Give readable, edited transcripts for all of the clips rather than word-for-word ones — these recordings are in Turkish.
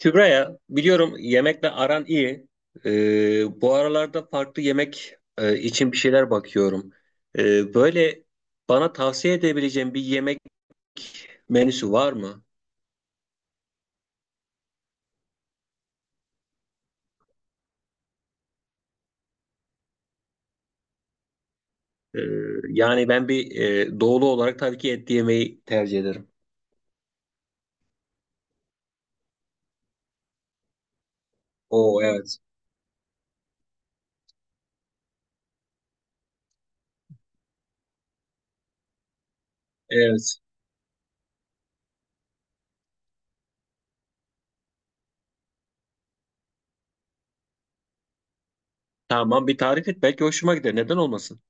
Kübra'ya biliyorum yemekle aran iyi. Bu aralarda farklı yemek için bir şeyler bakıyorum. Böyle bana tavsiye edebileceğim bir yemek menüsü var mı? Ee, yani ben bir doğulu olarak tabii ki et yemeyi tercih ederim. Oo, evet. Evet. Tamam, bir tarif et, belki hoşuma gider. Neden olmasın?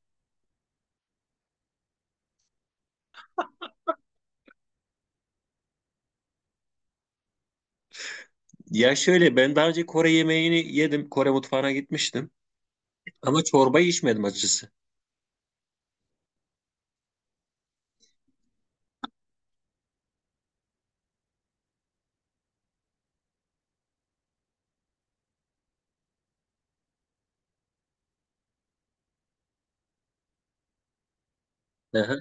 Ya şöyle, ben daha önce Kore yemeğini yedim. Kore mutfağına gitmiştim. Ama çorbayı içmedim açıkçası. Aha.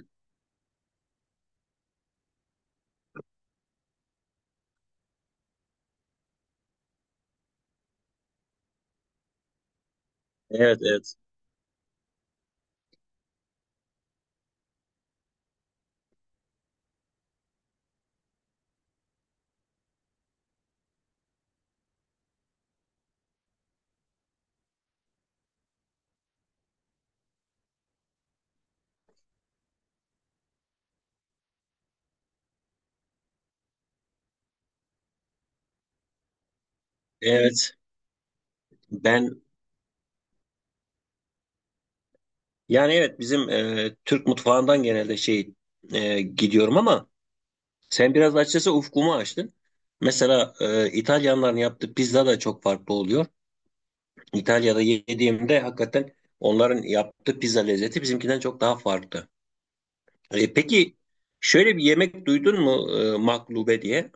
Evet, evet. Evet. Ben Yani evet, bizim Türk mutfağından genelde şey gidiyorum ama sen biraz açıkçası ufkumu açtın. Mesela İtalyanların yaptığı pizza da çok farklı oluyor. İtalya'da yediğimde hakikaten onların yaptığı pizza lezzeti bizimkinden çok daha farklı. Peki, şöyle bir yemek duydun mu maklube diye?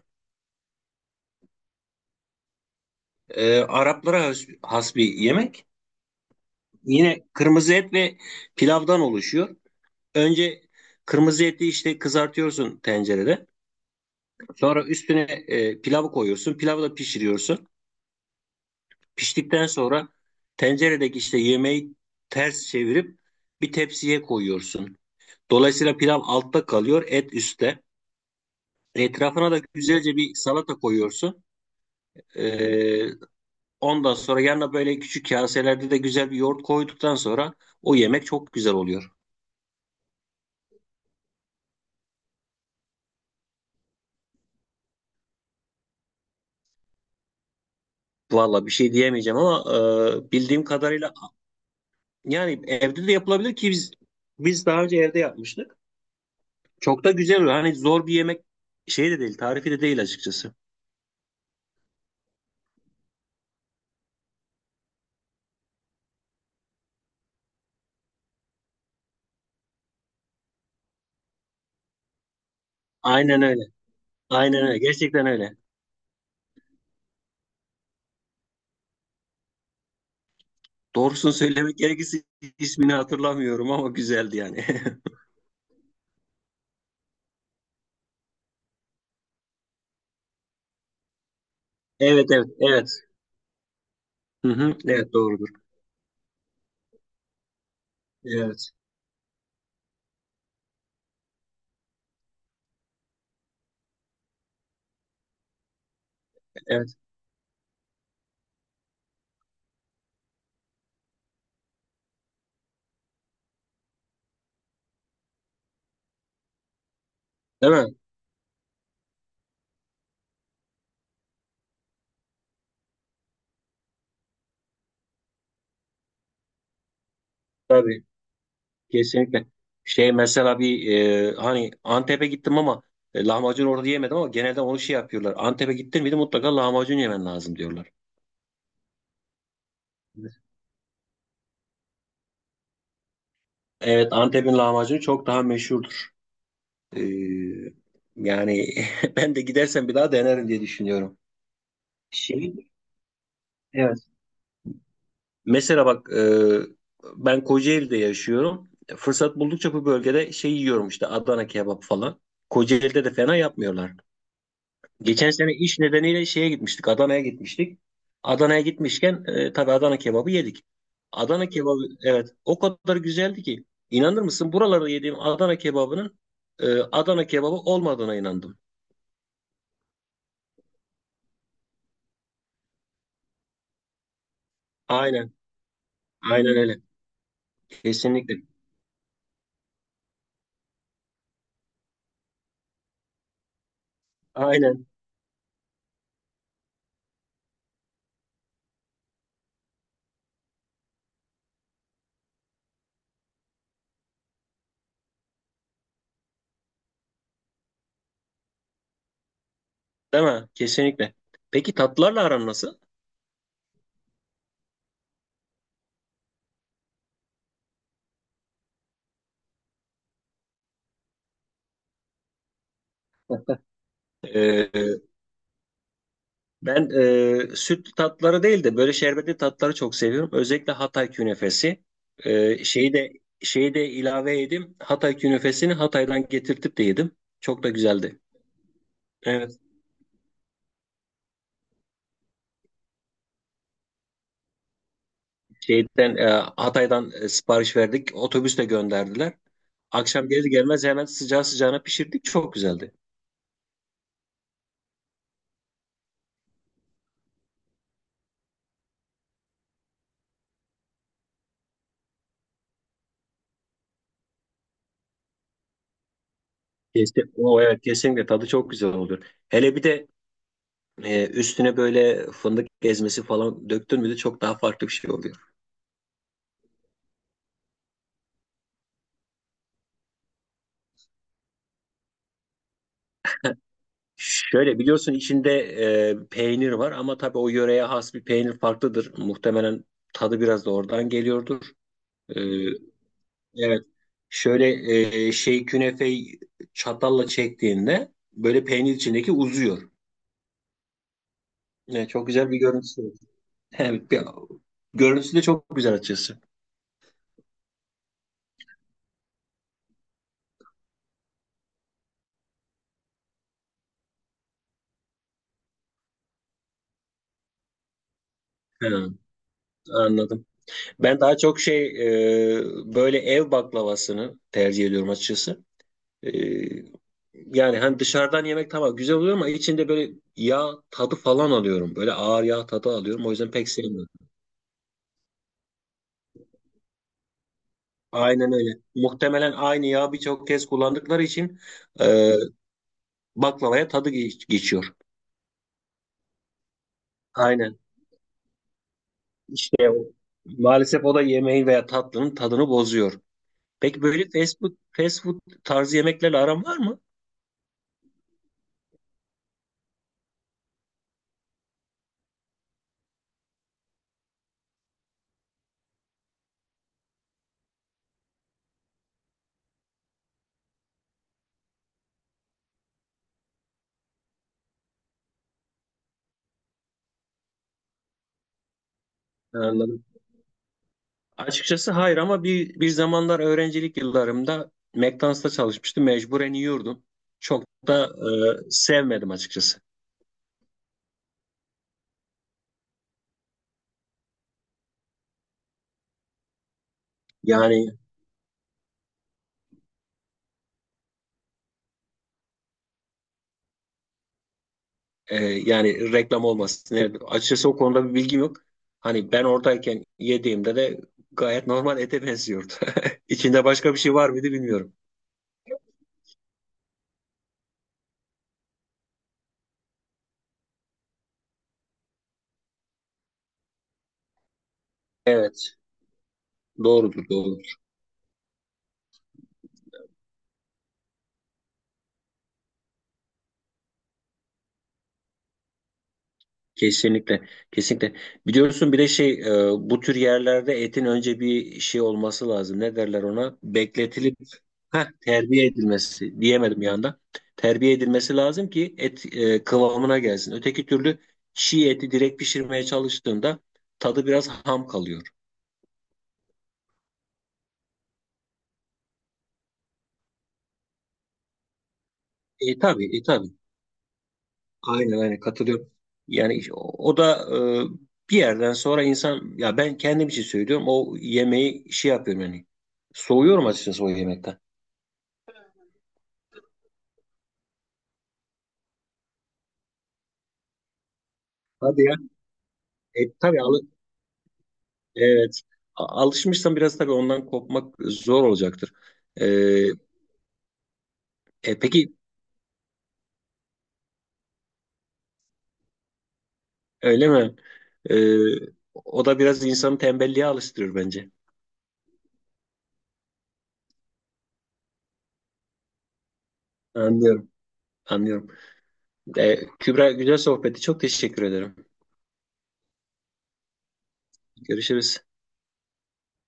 Araplara has bir yemek. Yine kırmızı et ve pilavdan oluşuyor. Önce kırmızı eti işte kızartıyorsun tencerede. Sonra üstüne pilavı koyuyorsun. Pilavı da pişiriyorsun. Piştikten sonra tenceredeki işte yemeği ters çevirip bir tepsiye koyuyorsun. Dolayısıyla pilav altta kalıyor, et üstte. Etrafına da güzelce bir salata koyuyorsun. E, ondan sonra yanına böyle küçük kaselerde de güzel bir yoğurt koyduktan sonra o yemek çok güzel oluyor. Valla bir şey diyemeyeceğim ama bildiğim kadarıyla yani evde de yapılabilir ki biz daha önce evde yapmıştık. Çok da güzel oluyor. Hani zor bir yemek şey de değil, tarifi de değil açıkçası. Aynen öyle. Aynen öyle. Gerçekten öyle. Doğrusunu söylemek gerekirse ismini hatırlamıyorum ama güzeldi yani. Evet, evet, evet. Hı hı, evet, doğrudur. Evet, evet. Değil mi? Tabii, kesinlikle. Şey, mesela bir hani Antep'e gittim ama lahmacun orada yemedim ama genelde onu şey yapıyorlar. Antep'e gittin miydi mutlaka lahmacun yemen lazım diyorlar. Evet, Antep'in lahmacunu çok daha meşhurdur. Ee, yani ben de gidersem bir daha denerim diye düşünüyorum. Şey, evet. Mesela bak, ben Kocaeli'de yaşıyorum. Fırsat buldukça bu bölgede şey yiyorum işte, Adana kebap falan. Kocaeli'de de fena yapmıyorlar. Geçen sene iş nedeniyle şeye gitmiştik, Adana'ya gitmiştik. Adana'ya gitmişken tabii Adana kebabı yedik. Adana kebabı, evet, o kadar güzeldi ki inanır mısın, buralarda yediğim Adana kebabının Adana kebabı olmadığına inandım. Aynen, aynen öyle. Kesinlikle. Aynen. Değil mi? Kesinlikle. Peki, tatlılarla aran nasıl? Ee, ben sütlü tatları değil de böyle şerbetli tatları çok seviyorum. Özellikle Hatay künefesi. Ee, şeyi de şeyi de ilave yedim. Hatay künefesini Hatay'dan getirtip de yedim. Çok da güzeldi. Evet. Şeyden, Hatay'dan sipariş verdik. Otobüsle gönderdiler. Akşam gelir gelmez hemen sıcağı sıcağına pişirdik. Çok güzeldi. Kesin, o evet, kesinlikle tadı çok güzel olur. Hele bir de üstüne böyle fındık ezmesi falan döktün mü de çok daha farklı bir şey oluyor. Şöyle biliyorsun, içinde peynir var ama tabii o yöreye has bir peynir farklıdır. Muhtemelen tadı biraz da oradan geliyordur. Ee, evet. Şöyle şey künefeyi çatalla çektiğinde böyle peynir içindeki uzuyor. Evet, çok güzel bir görüntüsü var. Evet, görüntüsü de çok güzel açısı. Ha, anladım. Ben daha çok şey böyle ev baklavasını tercih ediyorum açıkçası. E, yani hani dışarıdan yemek tamam güzel oluyor ama içinde böyle yağ tadı falan alıyorum. Böyle ağır yağ tadı alıyorum. O yüzden pek sevmiyorum. Aynen öyle. Muhtemelen aynı yağı birçok kez kullandıkları için e, baklavaya tadı geçiyor. Aynen. İşte o. Maalesef o da yemeğin veya tatlının tadını bozuyor. Peki, böyle fast food tarzı yemeklerle aran var mı? Anladım. Açıkçası hayır, ama bir zamanlar öğrencilik yıllarımda McDonald's'ta çalışmıştım. Mecburen yiyordum. Çok da sevmedim açıkçası. Yani yani reklam olmasın. Yani açıkçası o konuda bir bilgim yok. Hani ben oradayken yediğimde de gayet normal ete benziyordu. İçinde başka bir şey var mıydı bilmiyorum. Evet. Doğrudur, doğru. Kesinlikle, kesinlikle. Biliyorsun bir de şey, bu tür yerlerde etin önce bir şey olması lazım. Ne derler ona? Bekletilip, heh, terbiye edilmesi diyemedim bir anda. Terbiye edilmesi lazım ki et kıvamına gelsin. Öteki türlü çiğ eti direkt pişirmeye çalıştığında tadı biraz ham kalıyor. Tabii, tabii. Aynen aynen katılıyorum. Yani o da bir yerden sonra insan, ya ben kendim için söylüyorum, o yemeği şey yapıyorum yani. Soğuyorum açıkçası o yemekten. Hadi ya. Tabii evet. Alışmışsan biraz tabii ondan kopmak zor olacaktır. E, peki, öyle mi? E, o da biraz insanı tembelliğe alıştırır bence. Anlıyorum. Anlıyorum. Kübra, güzel sohbeti. Çok teşekkür ederim. Görüşürüz.